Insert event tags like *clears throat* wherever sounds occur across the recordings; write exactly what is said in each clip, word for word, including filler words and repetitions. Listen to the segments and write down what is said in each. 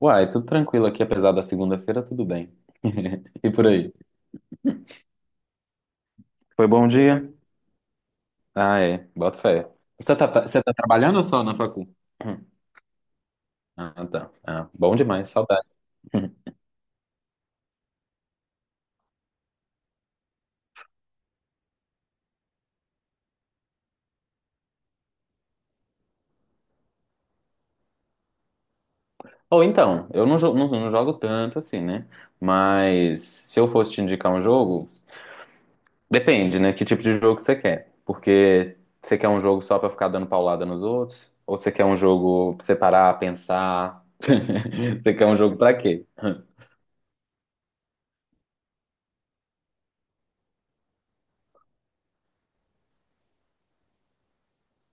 Uai, tudo tranquilo aqui, apesar da segunda-feira, tudo bem. *laughs* E por aí? Foi bom dia? Ah, é. Bota fé. Você tá, tá- você tá trabalhando ou só na facu? *clears throat* Hum. Ah, tá. Ah, bom demais, saudades. *laughs* Ou então, eu não, jo- não, não jogo tanto assim, né? Mas se eu fosse te indicar um jogo, depende, né? Que tipo de jogo você quer. Porque você quer um jogo só pra ficar dando paulada nos outros? Ou você quer um jogo pra você parar, pensar? *laughs* Você quer um jogo pra quê?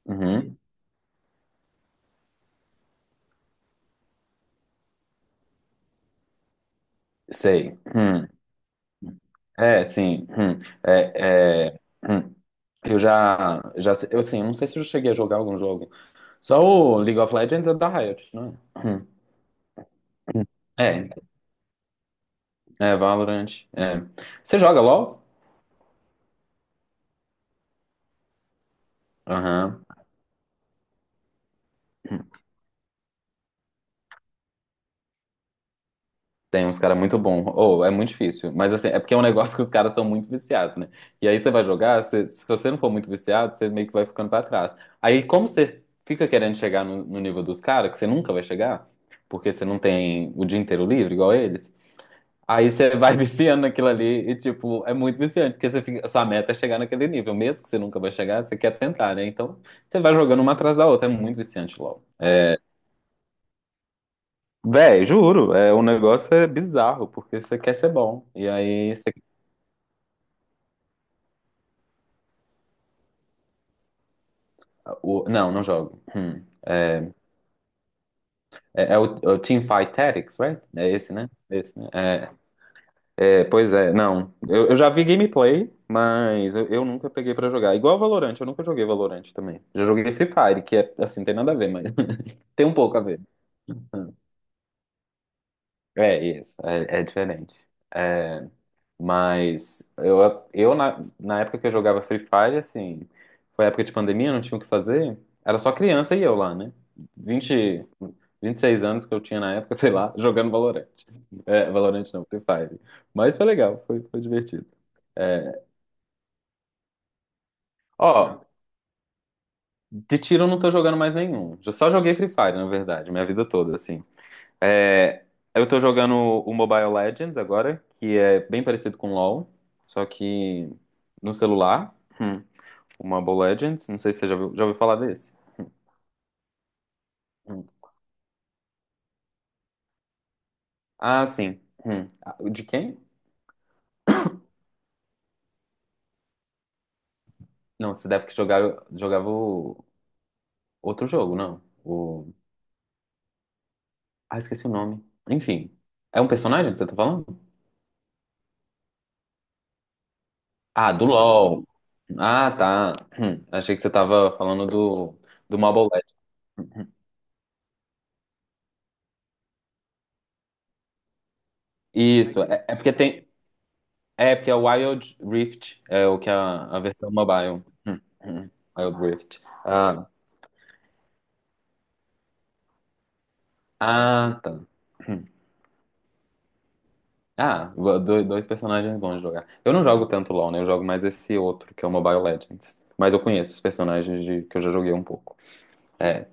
Uhum, sei. Hum. É, sim. Hum, é, é, hum. Eu já, já, se- eu assim, não sei se eu cheguei a jogar algum jogo. Só o League of Legends é da Riot, não é? Hum. É, é Valorant. É. Você joga LoL? Aham. Tem uns caras muito bons. Ou é muito difícil, mas assim, é porque é um *laughs* negócio que os caras são muito viciados, né? E aí você vai jogar, você- se você não for muito viciado, você meio que vai ficando pra trás. Aí como você fica querendo chegar no, no nível dos caras, que você nunca vai chegar, porque você não tem o dia inteiro livre igual eles. Aí você vai *laughs* viciando naquilo ali e, tipo, é muito viciante, porque você fica, a sua meta é chegar naquele nível, mesmo que você nunca vai chegar, você quer tentar, né? Então, você vai jogando uma atrás da outra, é muito viciante logo. Véi, juro, é, o negócio é bizarro, porque você quer ser bom. E aí você. o- não, não jogo. Hum. É, é o, é o Teamfight Tactics, right? É esse, né? Esse, né? É, É, pois é, não. Eu, eu já vi gameplay, mas eu, eu nunca peguei pra jogar. Igual Valorant, eu nunca joguei Valorant também. Já joguei Free Fire, que é assim, tem nada a ver, mas *laughs* tem um pouco a ver. É isso, é, é diferente. É, mas eu, eu na, na época que eu jogava Free Fire, assim, foi época de pandemia, não tinha o que fazer. Era só criança e eu lá, né? vinte vinte e seis anos que eu tinha na época, *laughs* sei lá, jogando Valorant. É, Valorant não, Free Fire. Mas foi legal, foi, foi divertido. É, ó, de tiro eu não tô jogando mais nenhum. Eu só joguei Free Fire, na verdade, minha vida toda, assim. É, eu tô jogando o Mobile Legends agora, que é bem parecido com LoL, só que no celular. Hum, o Mobile Legends, não sei se você já ouviu, já ouviu falar desse. Hum. Ah, sim. Hum. Ah, o de quem? Não, você deve que jogava, jogava o outro jogo, não. O... Ah, esqueci o nome. Enfim, é um personagem que você tá falando? Ah, do LoL. Ah, tá. *clears throat* Hum, achei que você tava falando do, do Mobile Legends. *clears throat* Isso, é, é porque tem. É porque é o Wild Rift, é o que é a, a versão mobile. *clears throat* Hum, hum, Wild Rift. Ah, ah, tá. *clears throat* Hum. Ah, dois, dois personagens bons de jogar. Eu não jogo tanto LoL, né? Eu jogo mais esse outro, que é o Mobile Legends. Mas eu conheço os personagens de, que eu já joguei um pouco. É,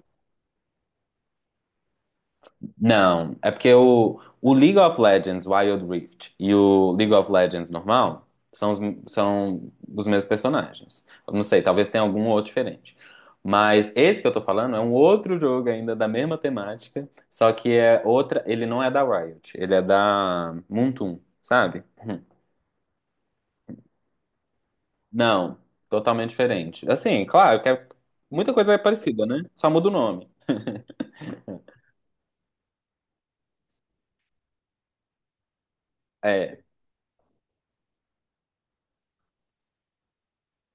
não, é porque o, o League of Legends Wild Rift e o League of Legends normal são os, são os mesmos personagens. Eu não sei, talvez tenha algum outro diferente. Mas esse que eu tô falando é um outro jogo ainda da mesma temática, só que é outra. Ele não é da Riot, ele é da Moonton, sabe? Não, totalmente diferente. Assim, claro que é- muita coisa é parecida, né? Só muda o nome. É.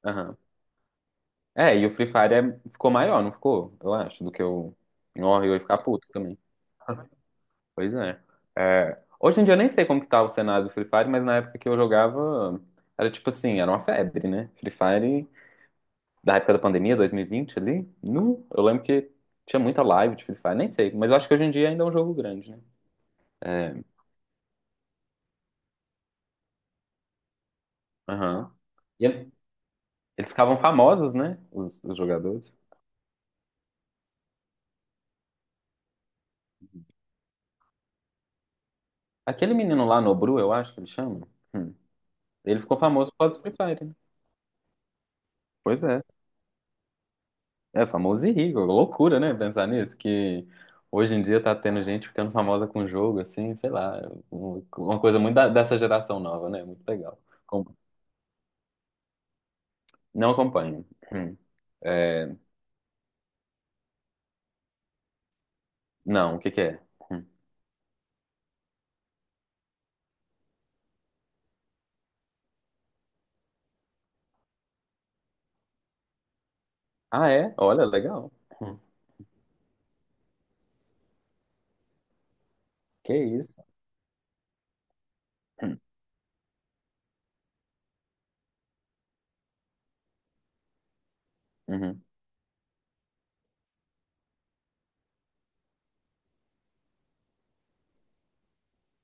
Aham. É, e o Free Fire é- ficou maior, não ficou? Eu acho, do que o. Nossa, eu ia ficar puto também. Pois é. É, hoje em dia eu nem sei como que tá o cenário do Free Fire, mas na época que eu jogava, era tipo assim, era uma febre, né? Free Fire, da época da pandemia, dois mil e vinte ali, nu, eu lembro que tinha muita live de Free Fire, nem sei, mas eu acho que hoje em dia ainda é um jogo grande, né? É, aham. E ele- eles ficavam famosos, né? Os, os jogadores. Aquele menino lá, Nobru, eu acho que ele chama, hum, ele ficou famoso por causa do Free Fire, né? Pois é. É famoso e rico, loucura, né? Pensar nisso, que hoje em dia tá tendo gente ficando famosa com jogo, assim, sei lá, um- uma coisa muito da- dessa geração nova, né? Muito legal. Com- Não acompanho. Hum. É, não, o que que é? Hum. Ah, é? Olha, legal. Hum. Que isso? Hum. Uhum.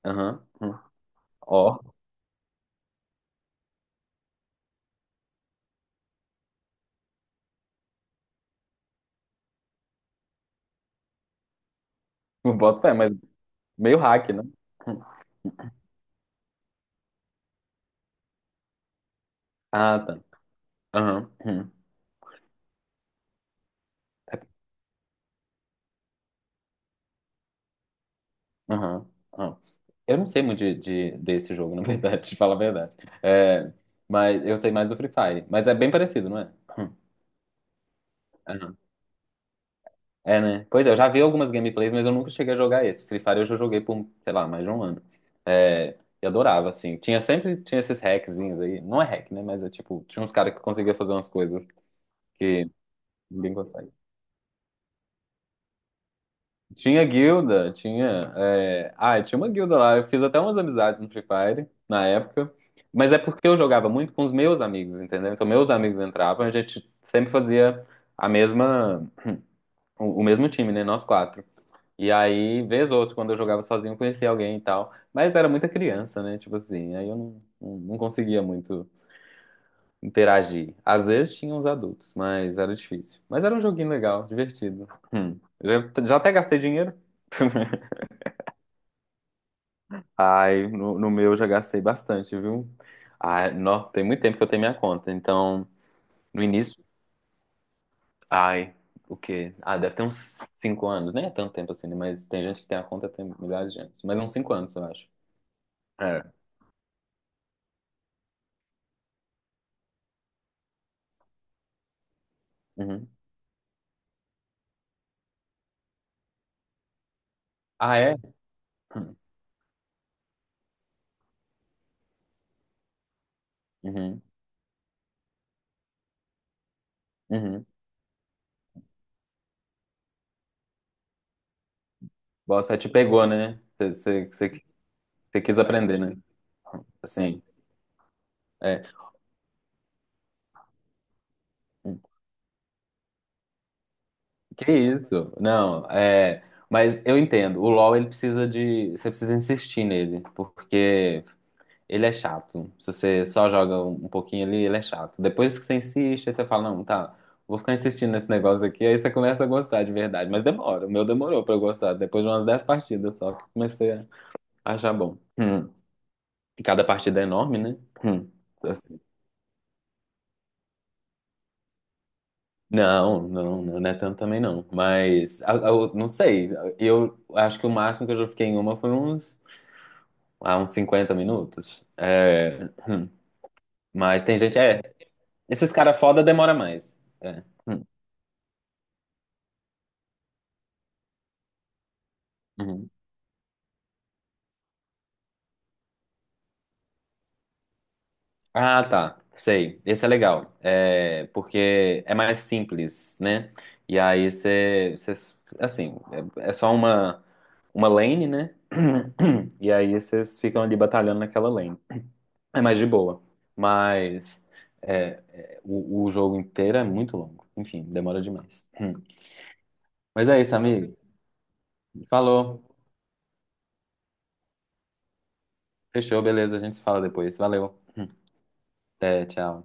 Aham. Hum. Ó, *laughs* boto fé, mas meio hack, né? Hum. Ah, tá. Aham. Hum. Aham, aham. Eu não sei muito de, de- desse jogo, na verdade, *laughs* te falar a verdade. É, mas eu sei mais do Free Fire. Mas é bem parecido, não é? Aham. É, né? Pois é, eu já vi algumas gameplays, mas eu nunca cheguei a jogar esse. Free Fire eu já joguei por, sei lá, mais de um ano. É, e adorava, assim. Tinha sempre, tinha esses hackzinhos aí. Não é hack, né? Mas é tipo, tinha uns caras que conseguiam fazer umas coisas que ninguém consegue. Tinha guilda, tinha. É, ah, tinha uma guilda lá. Eu fiz até umas amizades no Free Fire na época. Mas é porque eu jogava muito com os meus amigos, entendeu? Então, meus amigos entravam, a gente sempre fazia a mesma, o o mesmo time, né? Nós quatro. E aí, vez ou outra, quando eu jogava sozinho, eu conhecia alguém e tal. Mas era muita criança, né? Tipo assim, aí eu não, não não conseguia muito interagir. Às vezes tinha uns adultos, mas era difícil. Mas era um joguinho legal, divertido. Hum. Já, já até gastei dinheiro. *laughs* Ai, no, no meu eu já gastei bastante, viu? Ai, nó, tem muito tempo que eu tenho minha conta. Então, no início, ai, o quê? Ah, deve ter uns cinco anos. Nem é tanto tempo assim, né? Mas tem gente que tem a conta tem milhares de anos. Mas uns cinco anos, eu acho. É. Uhum. Ah, é? Uhum. Uhum. Bota fé, te pegou, né? Você quis aprender, né? Assim, é. Que isso? Não, é. Mas eu entendo. O LoL, ele precisa de. Você precisa insistir nele. Porque. Ele é chato. Se você só joga um um pouquinho ali, ele é chato. Depois que você insiste, aí você fala, não, tá, vou ficar insistindo nesse negócio aqui. Aí você começa a gostar de verdade. Mas demora. O meu demorou pra eu gostar. Depois de umas dez partidas só que eu comecei a achar bom. Hum. E cada partida é enorme, né? Hum. Assim, não, não, não, não é tanto também não. Mas eu, eu não sei. Eu acho que o máximo que eu já fiquei em uma foi uns, ah, uns cinquenta minutos. É, hum. Mas tem gente, é, esses caras foda demora mais. É. Hum. Uhum. Ah, tá. Sei. Esse é legal. É, porque é mais simples, né? E aí você, você- assim, é, é só uma, uma lane, né? *clears throat* E aí vocês ficam ali batalhando naquela lane. É mais de boa. Mas é, é, o, o jogo inteiro é muito longo. Enfim, demora demais. *clears throat* Mas é isso, amigo. Falou. Fechou, beleza. A gente se fala depois. Valeu. Até, tchau.